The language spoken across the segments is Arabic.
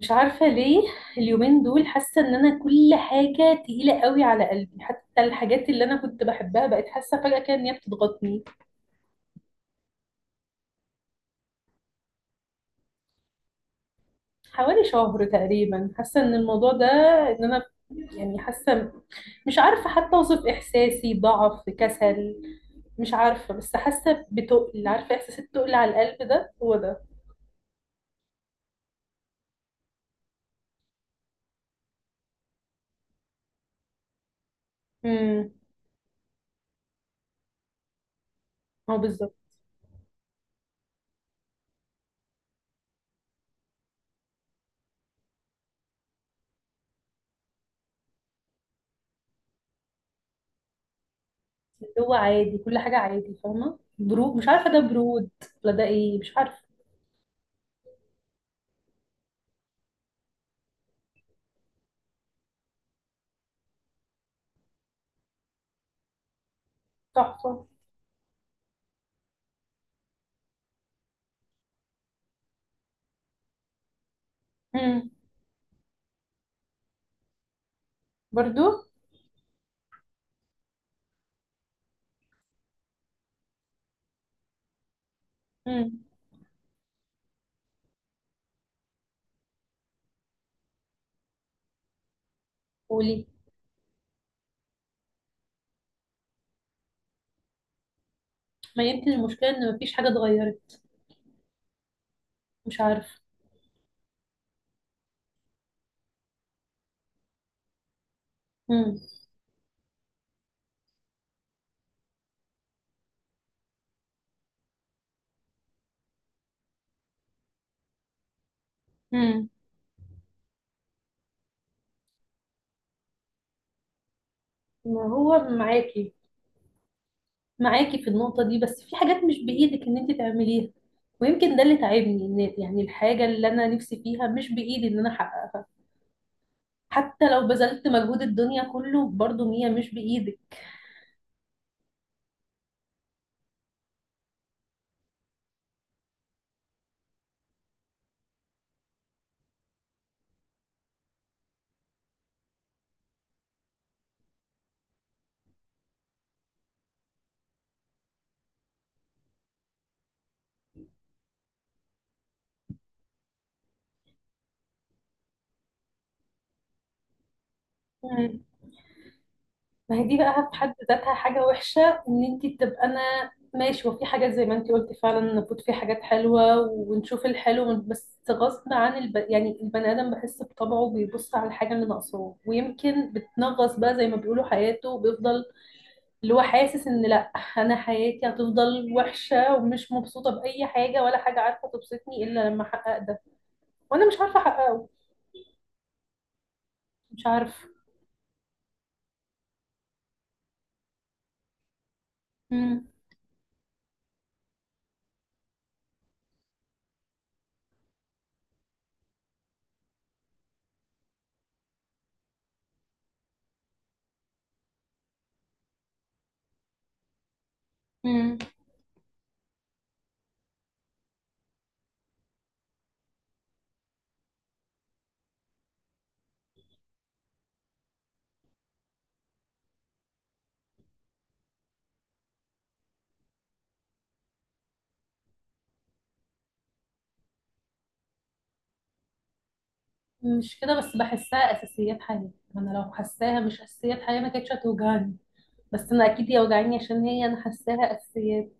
مش عارفة ليه. اليومين دول حاسة ان انا كل حاجة تقيلة قوي على قلبي، حتى الحاجات اللي انا كنت بحبها بقت حاسة فجأة كده ان هي بتضغطني. حوالي شهر تقريبا حاسة ان الموضوع ده، ان انا يعني حاسة، مش عارفة حتى اوصف احساسي، ضعف، كسل، مش عارفة، بس حاسة بتقل، عارفة احساس التقل على القلب ده، هو ده. امم. هو بالظبط. اللي هو عادي، كل حاجة عادي، فاهمة، برود، مش عارفة ده برود ولا ده ايه، مش عارفة. تحفة. امم. برضو. امم. قولي. ما يمكن المشكلة ان مفيش حاجة اتغيرت، مش عارفة. امم. امم. ما هو معاكي، معاكي في النقطة دي، بس في حاجات مش بإيدك ان انت تعمليها. ويمكن ده اللي تعبني، ان يعني الحاجة اللي انا نفسي فيها مش بإيدي ان انا احققها. حتى لو بذلت مجهود الدنيا كله، برضو هي مش بإيدك. ما هي دي بقى في حد ذاتها حاجة وحشة، ان انت تبقى انا ماشي، وفي حاجات زي ما انت قلتي، فعلا المفروض في حاجات حلوة ونشوف الحلو، بس غصب عن يعني البني ادم بحس بطبعه بيبص على الحاجة اللي ناقصاه، ويمكن بتنغص بقى زي ما بيقولوا حياته، وبيفضل اللي هو حاسس ان لا، انا حياتي هتفضل وحشة ومش مبسوطة بأي حاجة، ولا حاجة عارفة تبسطني الا لما احقق ده. وانا مش عارفة احققه. مش عارفة. امم. مش كده، بس بحسها اساسيات حياه. انا لو حساها مش اساسيات حياه ما كانتش هتوجعني، بس انا اكيد هي وجعاني عشان هي انا حساها اساسيات.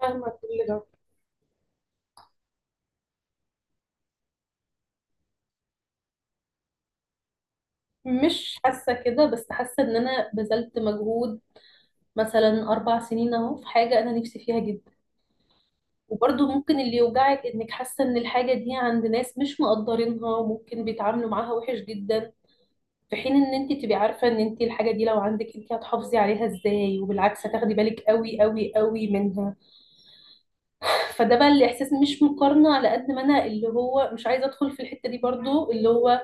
فاهمه كل ده. مش حاسه كده، بس حاسه ان انا بذلت مجهود، مثلا 4 سنين اهو في حاجه انا نفسي فيها جدا. وبرضه ممكن اللي يوجعك انك حاسه ان الحاجه دي عند ناس مش مقدرينها، وممكن بيتعاملوا معاها وحش جدا، في حين ان انت تبقي عارفه ان انت الحاجه دي لو عندك انت هتحافظي عليها ازاي، وبالعكس هتاخدي بالك قوي قوي قوي منها. فده بقى الاحساس، مش مقارنه، على قد ما انا اللي هو مش عايزه ادخل في الحته دي، برضو اللي هو،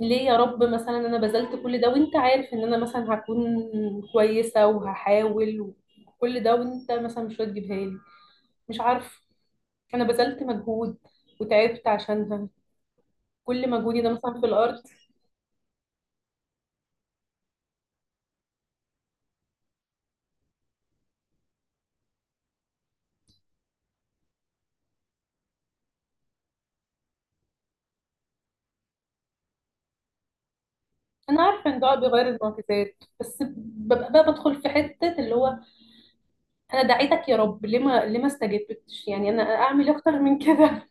ليه يا رب مثلا انا بذلت كل ده، وانت عارف ان انا مثلا هكون كويسه وهحاول، وكل ده وانت مثلا مش هتجيبها لي؟ مش عارف. انا بذلت مجهود وتعبت عشانها، كل مجهودي ده مثلا في الارض. انا عارفه ان ده بيغير المعجزات، بس ببقى بقى بدخل في حته اللي هو، انا دعيتك يا رب، ليه ما استجبتش، يعني انا اعمل إيه اكتر من كده؟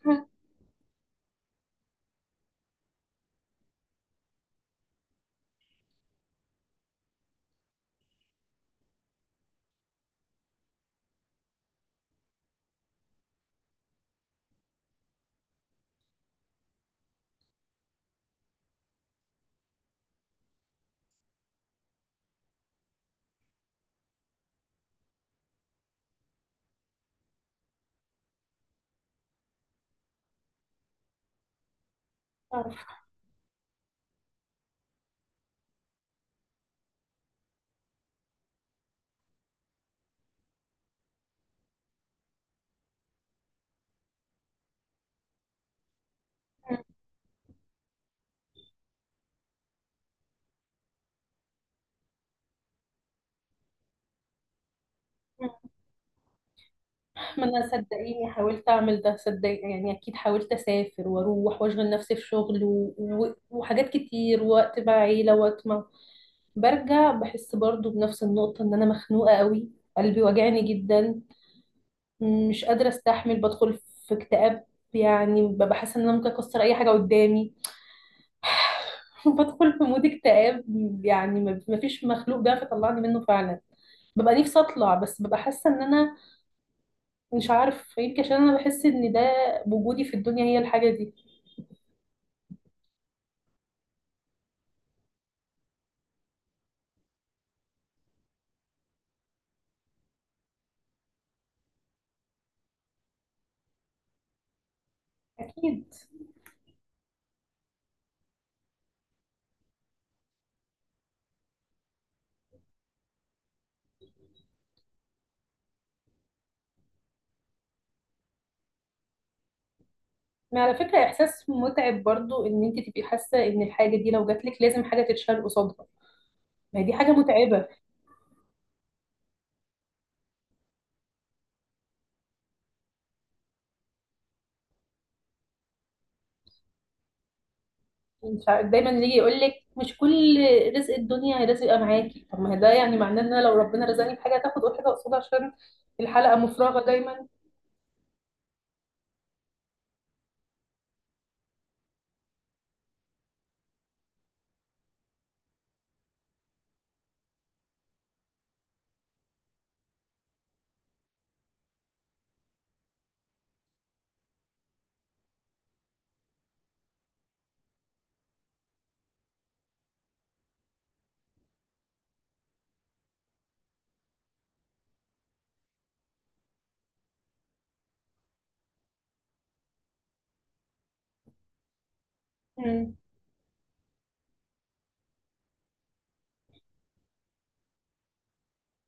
عارفة. ما انا صدقيني حاولت اعمل ده، صدق يعني، اكيد حاولت اسافر واروح واشغل نفسي في شغل وحاجات كتير، وقت مع عيله، وقت مع. برجع بحس برضو بنفس النقطه ان انا مخنوقه قوي، قلبي واجعني جدا، مش قادره استحمل، بدخل في اكتئاب، يعني ببقى حاسه ان انا ممكن اكسر اي حاجه قدامي. بدخل في مود اكتئاب، يعني ما فيش مخلوق بيعرف يطلعني منه فعلا. ببقى نفسي اطلع، بس ببقى حاسه ان انا مش عارف، يمكن عشان انا بحس ان ده وجودي في الدنيا، هي الحاجه دي. اكيد. ما على فكره احساس متعب برضو، ان انت تبقي حاسه ان الحاجه دي لو جات لك لازم حاجه تتشال قصادها. ما هي دي حاجه متعبه. مش عارف- دايما اللي يجي يقول لك مش كل رزق الدنيا لازم يبقى معاكي، طب ما هي ده يعني معناه ان انا لو ربنا رزقني بحاجه هتاخد أول حاجه قصادها، عشان الحلقه مفرغه دايما. مم.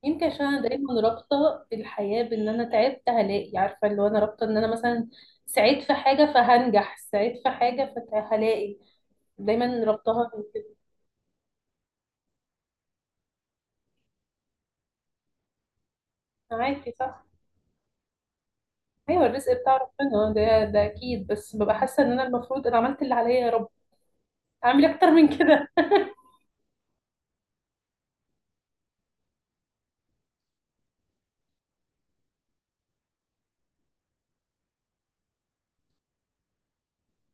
يمكن عشان انا دايما رابطه الحياه بان انا تعبت هلاقي، عارفه اللي هو انا رابطه ان انا مثلا سعيد في حاجه فهنجح، سعيد في حاجه فهلاقي، دايما ربطها كده. معاكي صح. ايوه الرزق بتاع ربنا، ده اكيد، بس ببقى حاسه ان انا المفروض انا عملت اللي عليا، يا رب اعمل اكتر من كده.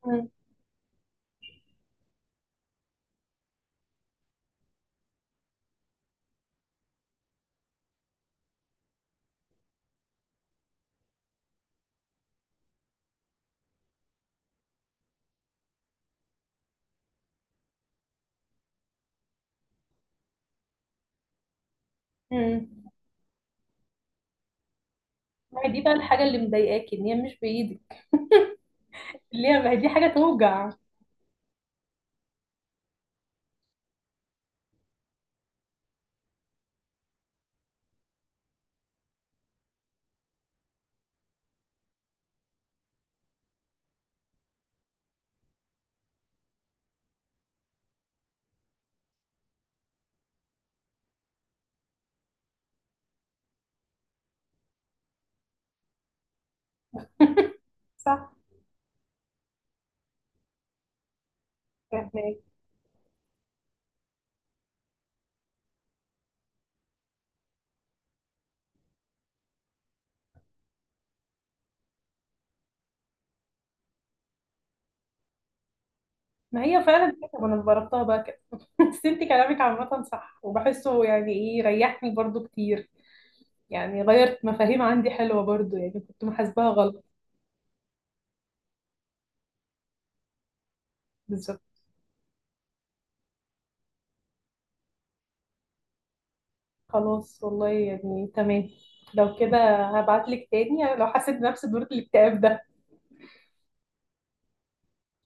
مم. مم. ما هي دي بقى الحاجه اللي مضايقاكي ان هي مش بايدك. اللي هي ما هي دي حاجه توجع. صح. فاهمك. ما هي فعلا كده، وانا جربتها بقى كده. بس انت كلامك عامة صح وبحسه، يعني ايه ريحني برضو كتير، يعني غيرت مفاهيم عندي حلوة برضو، يعني كنت محاسباها غلط. بالظبط. خلاص والله يعني، تمام لو كده. هبعتلك تاني لو حسيت بنفس دورة الاكتئاب ده.